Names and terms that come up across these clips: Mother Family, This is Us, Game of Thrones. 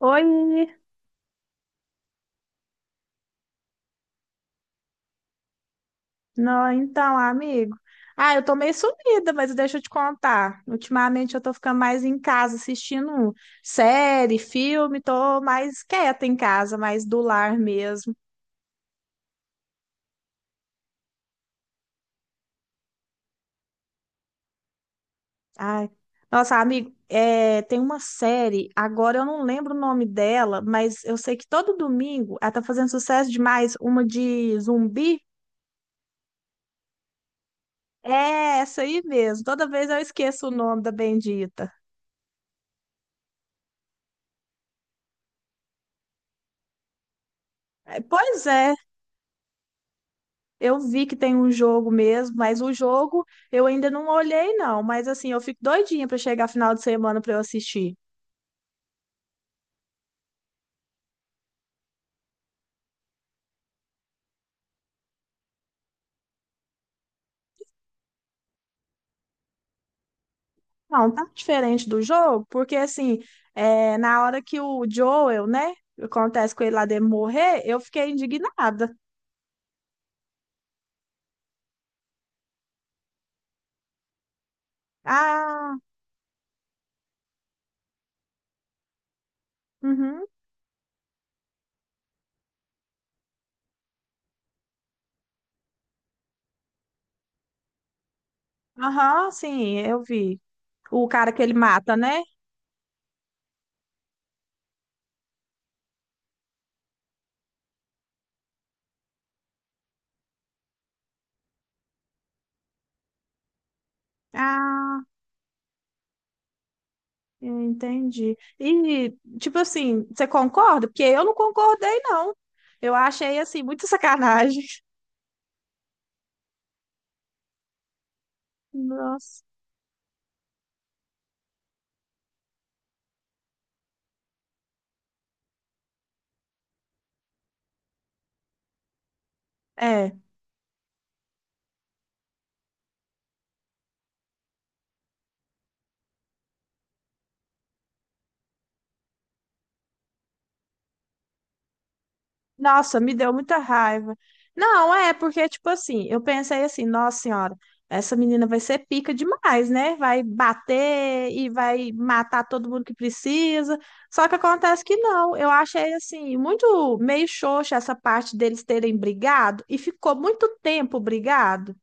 Oi, não, então, amigo. Eu tô meio sumida, mas deixa eu te contar. Ultimamente eu tô ficando mais em casa assistindo série, filme, tô mais quieta em casa, mais do lar mesmo. Ai, nossa, amigo, tem uma série, agora eu não lembro o nome dela, mas eu sei que todo domingo ela tá fazendo sucesso demais, uma de zumbi. É essa aí mesmo. Toda vez eu esqueço o nome da bendita. É. Pois é. Eu vi que tem um jogo mesmo, mas o jogo eu ainda não olhei, não. Mas assim, eu fico doidinha para chegar final de semana para eu assistir. Não, tá diferente do jogo, porque assim, na hora que o Joel, né, acontece com ele lá de morrer, eu fiquei indignada. Ah, uhum, aham, sim, eu vi. O cara que ele mata, né? Ah, eu entendi. Tipo assim, você concorda? Porque eu não concordei, não. Eu achei, assim, muito sacanagem. Nossa. É, nossa, me deu muita raiva. Não, é porque, tipo assim, eu pensei assim, nossa senhora, essa menina vai ser pica demais, né? Vai bater e vai matar todo mundo que precisa. Só que acontece que não. Eu achei, assim, muito meio xoxa essa parte deles terem brigado e ficou muito tempo brigado.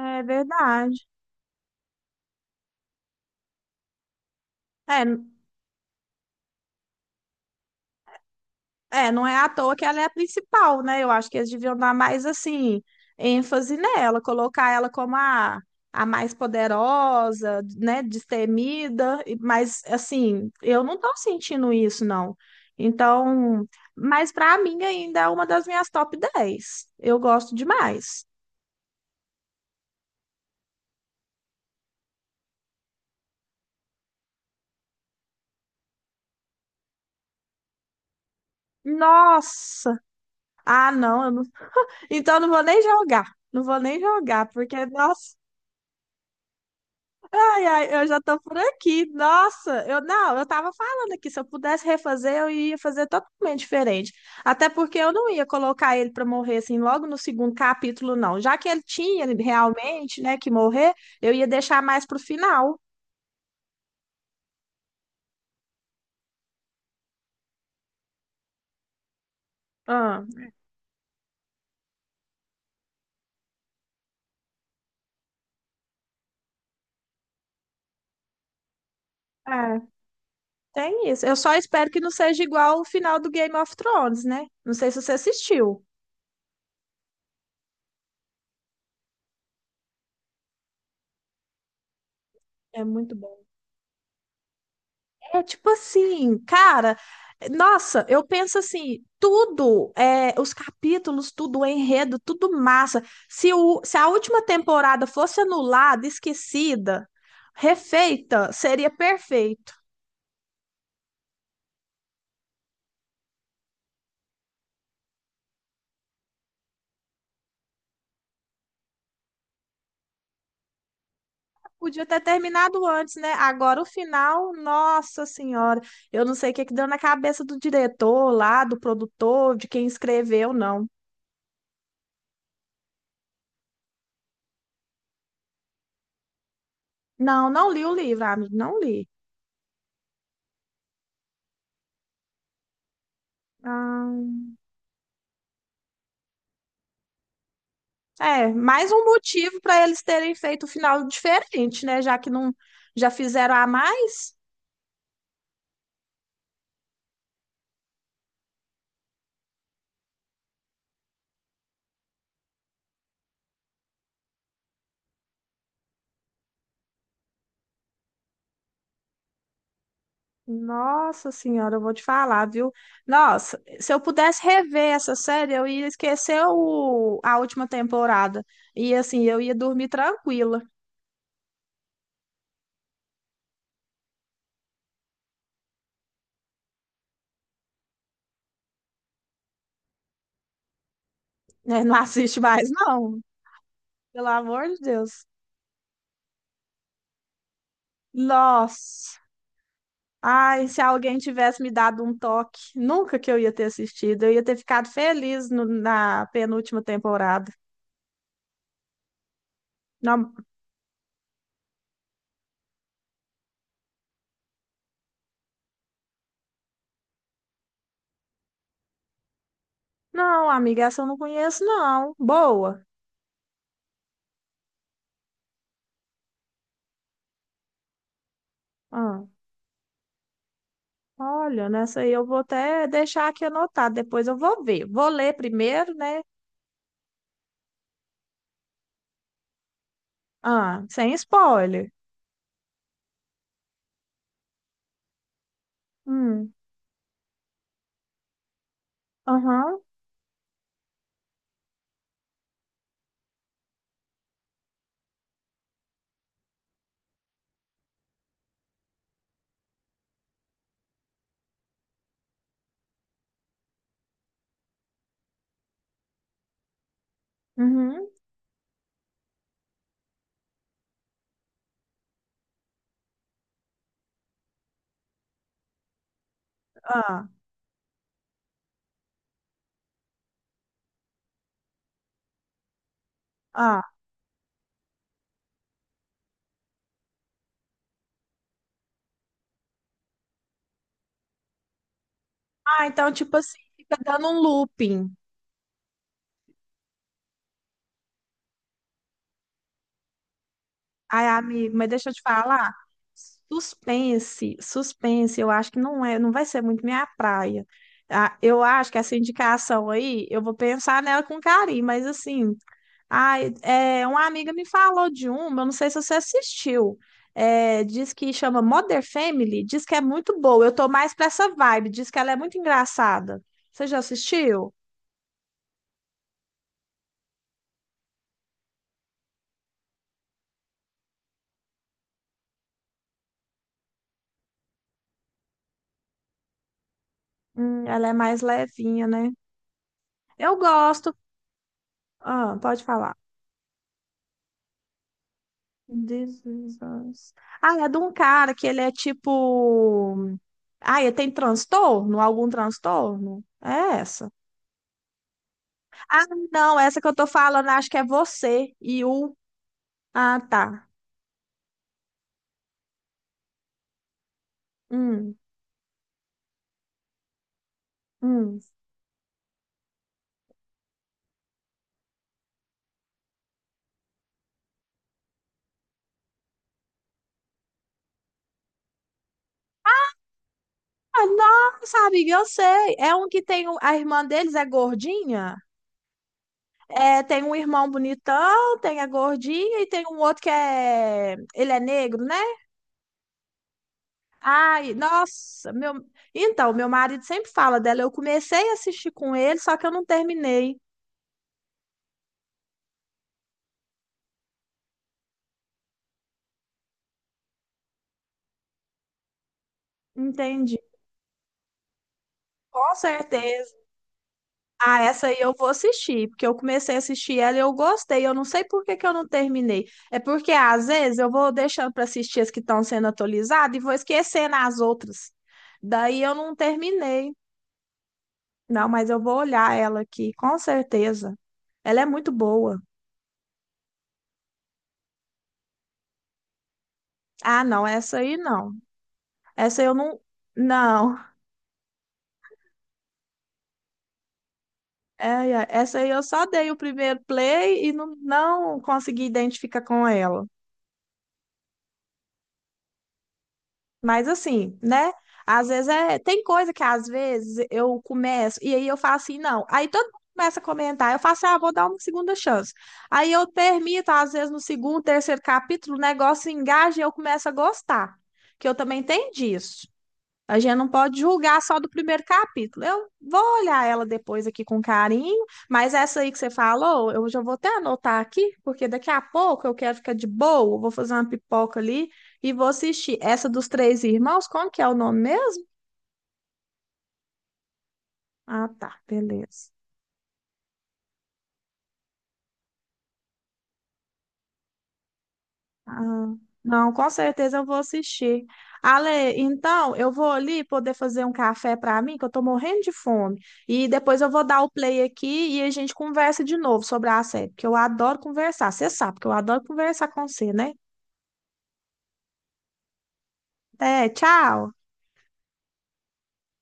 É verdade. É, não é à toa que ela é a principal, né? Eu acho que eles deviam dar mais, assim, ênfase nela, colocar ela como a mais poderosa, né? Destemida, e- mas, assim, eu não tô sentindo isso, não. Então, mas pra mim ainda é uma das minhas top 10. Eu gosto demais. Nossa! Ah, não, eu não... Então eu não vou nem jogar. Não vou nem jogar, porque, nossa, ai, ai, eu já tô por aqui. Nossa, eu tava falando aqui, se eu pudesse refazer, eu ia fazer totalmente diferente. Até porque eu não ia colocar ele pra morrer assim logo no segundo capítulo, não. Já que ele tinha realmente, né, que morrer, eu ia deixar mais pro final. Ah, é, tem isso. Eu só espero que não seja igual o final do Game of Thrones, né? Não sei se você assistiu. É muito É tipo assim, cara, nossa, eu penso assim, tudo, os capítulos, tudo, o enredo, tudo massa. Se a última temporada fosse anulada, esquecida, refeita, seria perfeito. Podia ter terminado antes, né? Agora o final, nossa senhora, eu não sei o que que deu na cabeça do diretor lá, do produtor, de quem escreveu, não. Não, não li o livro, amigo, não li. Ah. É, mais um motivo para eles terem feito o final diferente, né? Já que não já fizeram a mais. Nossa senhora, eu vou te falar, viu? Nossa, se eu pudesse rever essa série, eu ia esquecer a última temporada. E assim, eu ia dormir tranquila, né? Não assiste mais, não. Pelo amor de Deus. Nossa. Ai, se alguém tivesse me dado um toque, nunca que eu ia ter assistido. Eu ia ter ficado feliz na penúltima temporada. Não, Não, amiga, essa eu não conheço, não. Boa. Ah, olha, nessa aí eu vou até deixar aqui anotado, depois eu vou ver. Vou ler primeiro, né? Ah, sem spoiler. Hum, aham, uhum, ah, ah. Ah, então, tipo assim, fica dando um looping. Ai, amigo, mas deixa eu te falar. Suspense, suspense, eu acho que não é, não vai ser muito minha praia. Ah, eu acho que essa indicação aí, eu vou pensar nela com carinho, mas assim. Ai, é, uma amiga me falou de uma, eu não sei se você assistiu. É, diz que chama Mother Family, diz que é muito boa. Eu tô mais pra essa vibe, diz que ela é muito engraçada. Você já assistiu? Ela é mais levinha, né? Eu gosto. Ah, pode falar. This is Us. Ah, é de um cara que ele é tipo. Ah, ele tem transtorno? Algum transtorno? É essa. Ah, não, essa que eu tô falando, acho que é você e o. Ah, tá. Hum. Hum. Ah, nossa, amiga, eu sei. A irmã deles é gordinha. É, tem um irmão bonitão, tem a gordinha e tem um outro que é. Ele é negro, né? Ai, nossa, meu. Então, meu marido sempre fala dela. Eu comecei a assistir com ele, só que eu não terminei. Entendi. Com certeza. Ah, essa aí eu vou assistir, porque eu comecei a assistir ela e eu gostei. Eu não sei por que que eu não terminei. É porque às vezes eu vou deixando para assistir as que estão sendo atualizadas e vou esquecendo as outras. Daí eu não terminei. Não, mas eu vou olhar ela aqui, com certeza. Ela é muito boa. Ah, não, essa aí não. Essa eu não. Não. Essa aí eu só dei o primeiro play e não consegui identificar com ela. Mas assim, né? Às vezes é. Tem coisa que às vezes eu começo e aí eu falo assim, não. Aí todo mundo começa a comentar. Eu faço, ah, vou dar uma segunda chance. Aí eu permito, às vezes, no segundo, terceiro capítulo, o negócio engaja e eu começo a gostar. Que eu também tenho disso. A gente não pode julgar só do primeiro capítulo. Eu vou olhar ela depois aqui com carinho, mas essa aí que você falou, eu já vou até anotar aqui, porque daqui a pouco eu quero ficar de boa, vou fazer uma pipoca ali e vou assistir. Essa dos três irmãos, como que é o nome mesmo? Ah, tá, beleza. Ah, não, com certeza eu vou assistir. Ale, então eu vou ali poder fazer um café para mim, que eu tô morrendo de fome. E depois eu vou dar o play aqui e a gente conversa de novo sobre a série, porque eu adoro conversar. Você sabe que eu adoro conversar com você, né? Até, tchau.